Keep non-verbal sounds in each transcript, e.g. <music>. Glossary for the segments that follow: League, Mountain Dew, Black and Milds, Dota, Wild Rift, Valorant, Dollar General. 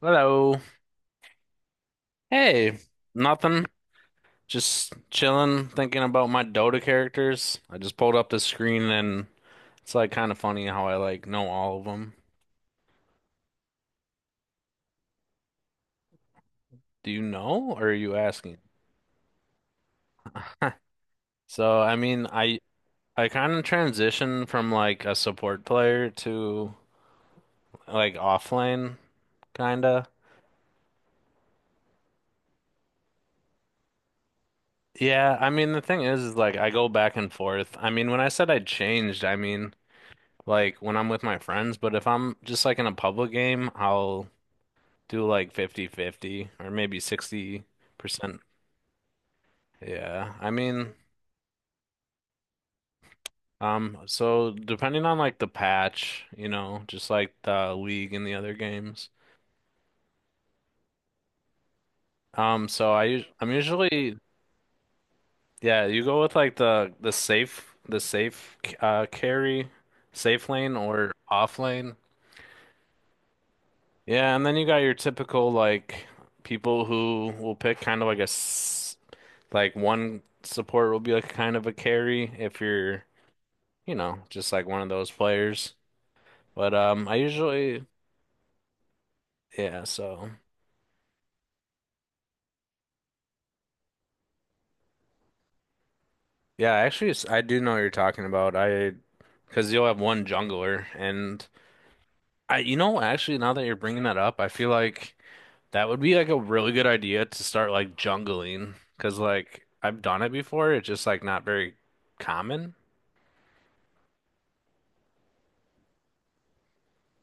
Hello. Hey, nothing. Just chilling, thinking about my Dota characters. I just pulled up the screen and it's like kind of funny how I like know all of them. Do you know or are you asking? <laughs> Huh. So, I mean, I I kind of transitioned from like a support player to like offlane kinda. Yeah, I mean the thing is like I go back and forth. I mean, when I said I changed, I mean like when I'm with my friends, but if I'm just like in a public game, I'll do like 50-50, or maybe 60%. Yeah. So depending on like the patch, you know, just like the league and the other games. I'm usually yeah, you go with like the safe carry, safe lane or off lane. Yeah, and then you got your typical like people who will pick kind of like a s like one support will be like kind of a carry if you're you know, just like one of those players. But I usually, yeah, so yeah, actually, I do know what you're talking about. Because you'll have one jungler, and you know, actually, now that you're bringing that up, I feel like that would be like a really good idea to start like jungling, because like I've done it before. It's just like not very common.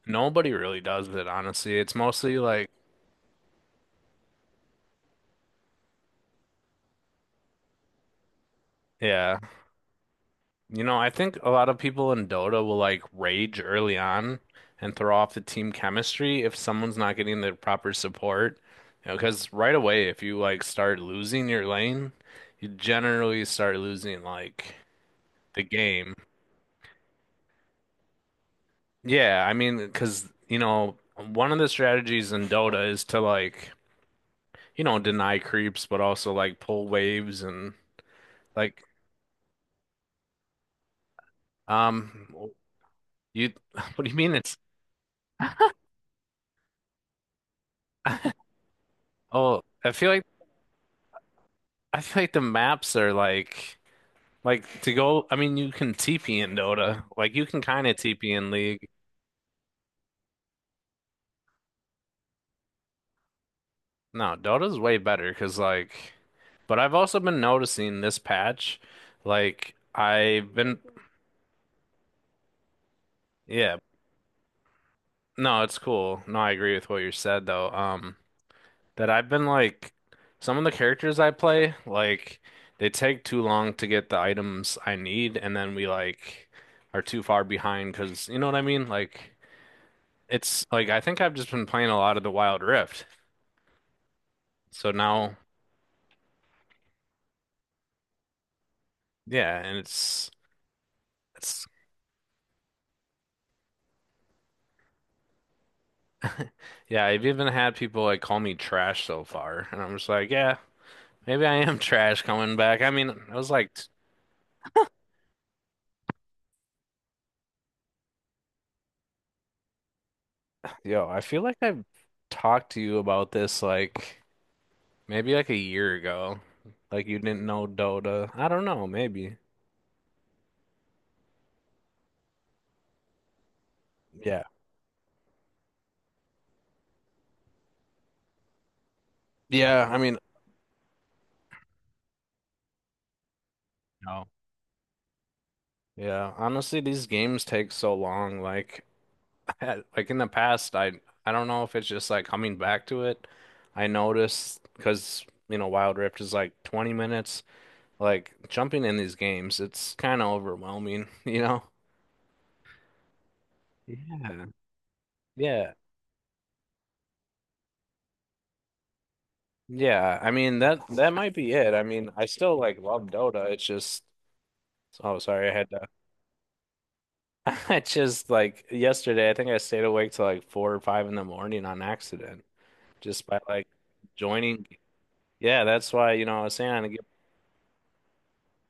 Nobody really does it, honestly. It's mostly like, yeah. You know, I think a lot of people in Dota will like rage early on and throw off the team chemistry if someone's not getting the proper support. You know, because right away, if you like start losing your lane, you generally start losing like the game. Yeah, I mean, because you know, one of the strategies in Dota is to like, you know, deny creeps, but also like pull waves and like, um, you, <laughs> what do you mean it's <laughs> Oh, I feel like the maps are like to go. I mean, you can TP in Dota. Like you can kind of TP in League. No, Dota's way better because like. But I've also been noticing this patch, like I've been yeah. No, it's cool. No, I agree with what you said though. That I've been like some of the characters I play, like they take too long to get the items I need, and then we like are too far behind because you know what I mean, like. It's like I think I've just been playing a lot of the Wild Rift. So now, yeah, and it's yeah, I've even had people like call me trash so far, and I'm just like, yeah, maybe I am <laughs> trash coming back. I mean, I was like, yo, I feel like I've talked to you about this like maybe like a year ago. Like you didn't know Dota. I don't know, maybe. Yeah. Yeah, I mean, no. Yeah, honestly, these games take so long like like in the past, I don't know if it's just like coming back to it. I noticed because you know Wild Rift is like 20 minutes. Like jumping in these games, it's kind of overwhelming, <laughs> you know? Yeah. Yeah. Yeah. I mean that might be it. I mean, I still like love Dota. It's just oh sorry, I had to <laughs> it's just like yesterday I think I stayed awake till like four or five in the morning on accident just by like joining. Yeah, that's why, you know, I was saying I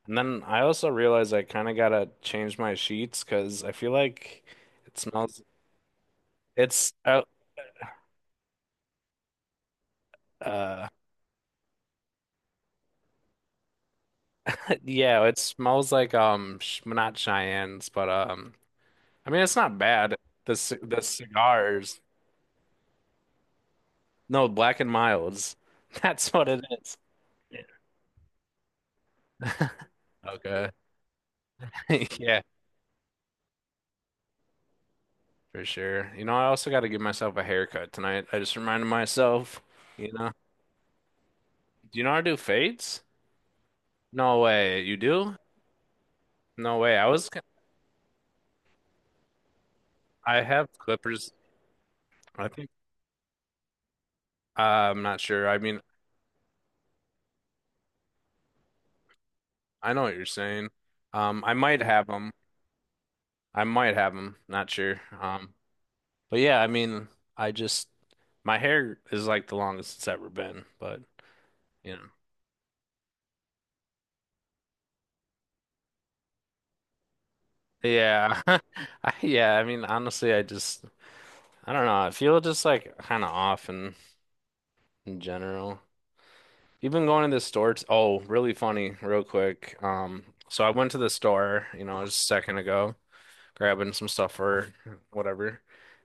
and then I also realized I kind of gotta change my sheets because I feel like it smells. It's uh <laughs> yeah, it smells like sh not Cheyennes, but I mean it's not bad. The cigars, no Black and Milds. <laughs> That's what it is. Yeah. Okay. <laughs> Yeah, for sure. You know, I also got to give myself a haircut tonight. I just reminded myself. You know, do you know how to do fades? No way. You do? No way. I was. I have clippers. I think I'm not sure. I mean, I know what you're saying. I might have them. I might have them. Not sure. But yeah, I mean, I just my hair is like the longest it's ever been. But you know, yeah, <laughs> yeah. I mean, honestly, I just I don't know. I feel just like kind of off in general. Even going to the store. T Oh, really funny, real quick. So I went to the store, you know, just a second ago, grabbing some stuff or <laughs> whatever.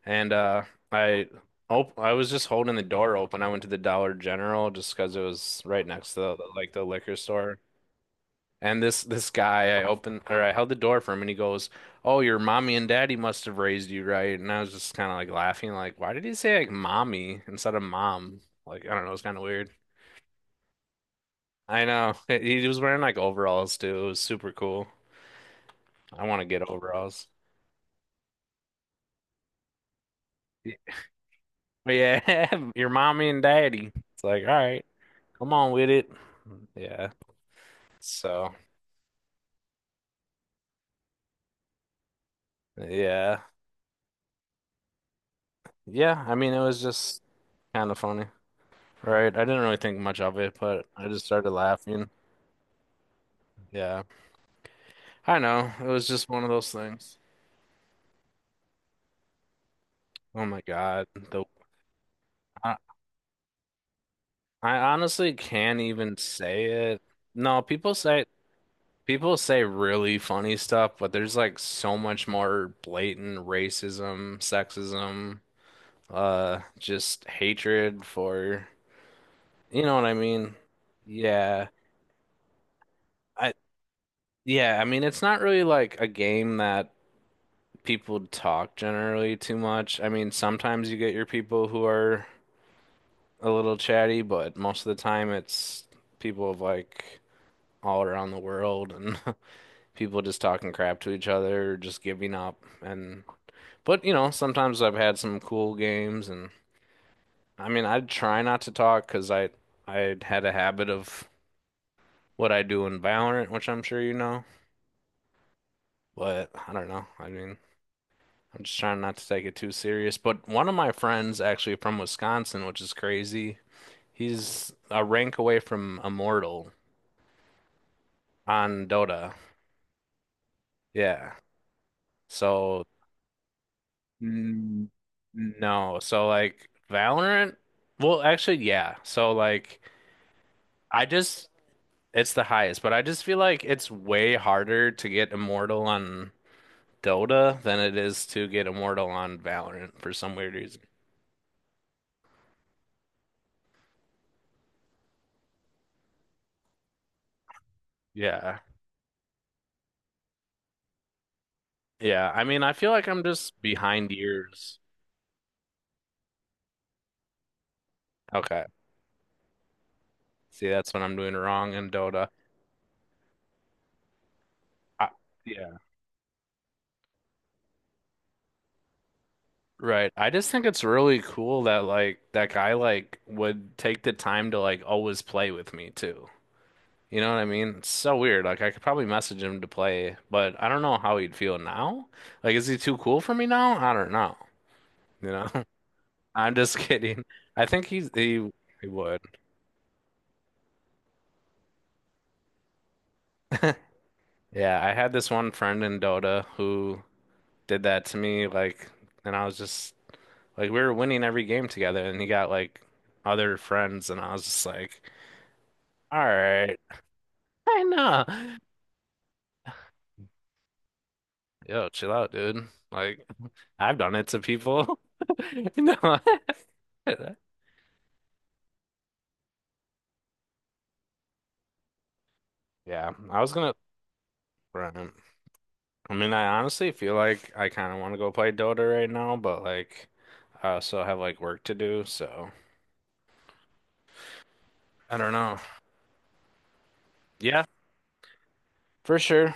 And I op I was just holding the door open. I went to the Dollar General just because it was right next to like the liquor store. And this guy, I opened or I held the door for him, and he goes, "Oh, your mommy and daddy must have raised you right." And I was just kind of like laughing, like, "Why did he say like mommy instead of mom?" Like, I don't know, it's kind of weird. I know <laughs> he was wearing like overalls too. It was super cool. I want to get overalls. Yeah, <laughs> your mommy and daddy. It's like, all right, come on with it. Yeah. So, yeah. Yeah, I mean, it was just kind of funny, right? I didn't really think much of it, but I just started laughing. Yeah. I know. It was just one of those things. Oh my God. I, I honestly can't even say it. No, people say really funny stuff, but there's like so much more blatant racism, sexism. Just hatred for, you know what I mean? Yeah. I yeah, I mean it's not really like a game that people talk generally too much. I mean, sometimes you get your people who are a little chatty, but most of the time it's people of like all around the world and <laughs> people just talking crap to each other or just giving up and but you know, sometimes I've had some cool games and I mean, I try not to talk because I had a habit of what I do in Valorant, which I'm sure you know. But I don't know. I mean, I'm just trying not to take it too serious. But one of my friends, actually from Wisconsin, which is crazy, he's a rank away from Immortal on Dota. Yeah. So, n- no. So, like, Valorant, well, actually, yeah. So, like, I just, It's the highest, but I just feel like it's way harder to get Immortal on Dota than it is to get immortal on Valorant for some weird reason. Yeah. Yeah. I mean, I feel like I'm just behind years. Okay. See, that's what I'm doing wrong in Dota. I, yeah. Right. I just think it's really cool that like that guy like would take the time to like always play with me too. You know what I mean? It's so weird. Like I could probably message him to play, but I don't know how he'd feel now. Like is he too cool for me now? I don't know. You know? <laughs> I'm just kidding. I think he he would. <laughs> Yeah, I had this one friend in Dota who did that to me, like, and I was just like, we were winning every game together, and he got like other friends, and I was just like, all right, I know. Yo, chill out, dude. Like, I've done it to people. <laughs> No. <laughs> Yeah, I was gonna. Right. I mean, I honestly feel like I kind of want to go play Dota right now, but like, I also have like work to do, so I don't know. Yeah, for sure.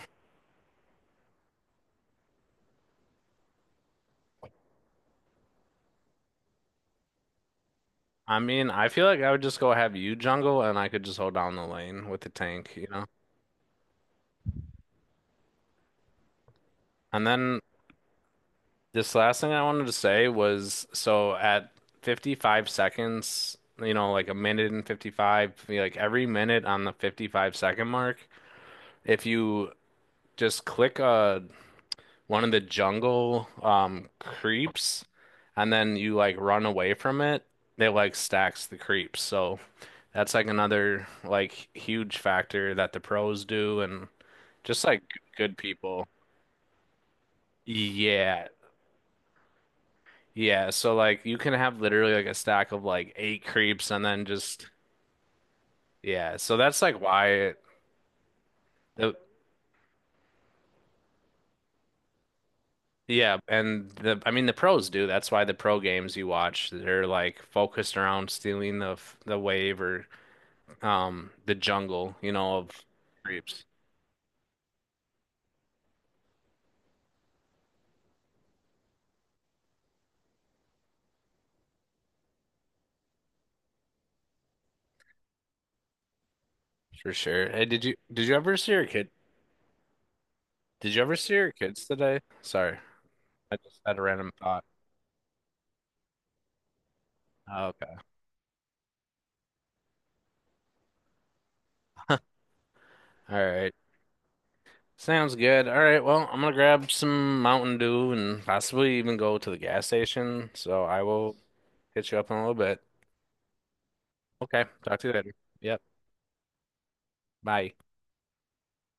I mean, I feel like I would just go have you jungle and I could just hold down the lane with the tank, you know? And then this last thing I wanted to say was so at 55 seconds, you know, like a minute and 55, like every minute on the 55-second mark, if you just click one of the jungle creeps and then you like run away from it, they like stacks the creeps. So that's like another like huge factor that the pros do and just like good people. Yeah. Yeah. So like you can have literally like a stack of like 8 creeps and then just yeah. So that's like why it, the yeah, and the I mean the pros do. That's why the pro games you watch, they're like focused around stealing the wave or the jungle, you know, of creeps. For sure. Hey, did you ever see your kid? Did you ever see your kids today? Sorry. I just had a random thought. Oh, okay. All right. Sounds good. All right, well, I'm gonna grab some Mountain Dew and possibly even go to the gas station. So I will hit you up in a little bit. Okay, talk to you later. Yep, bye.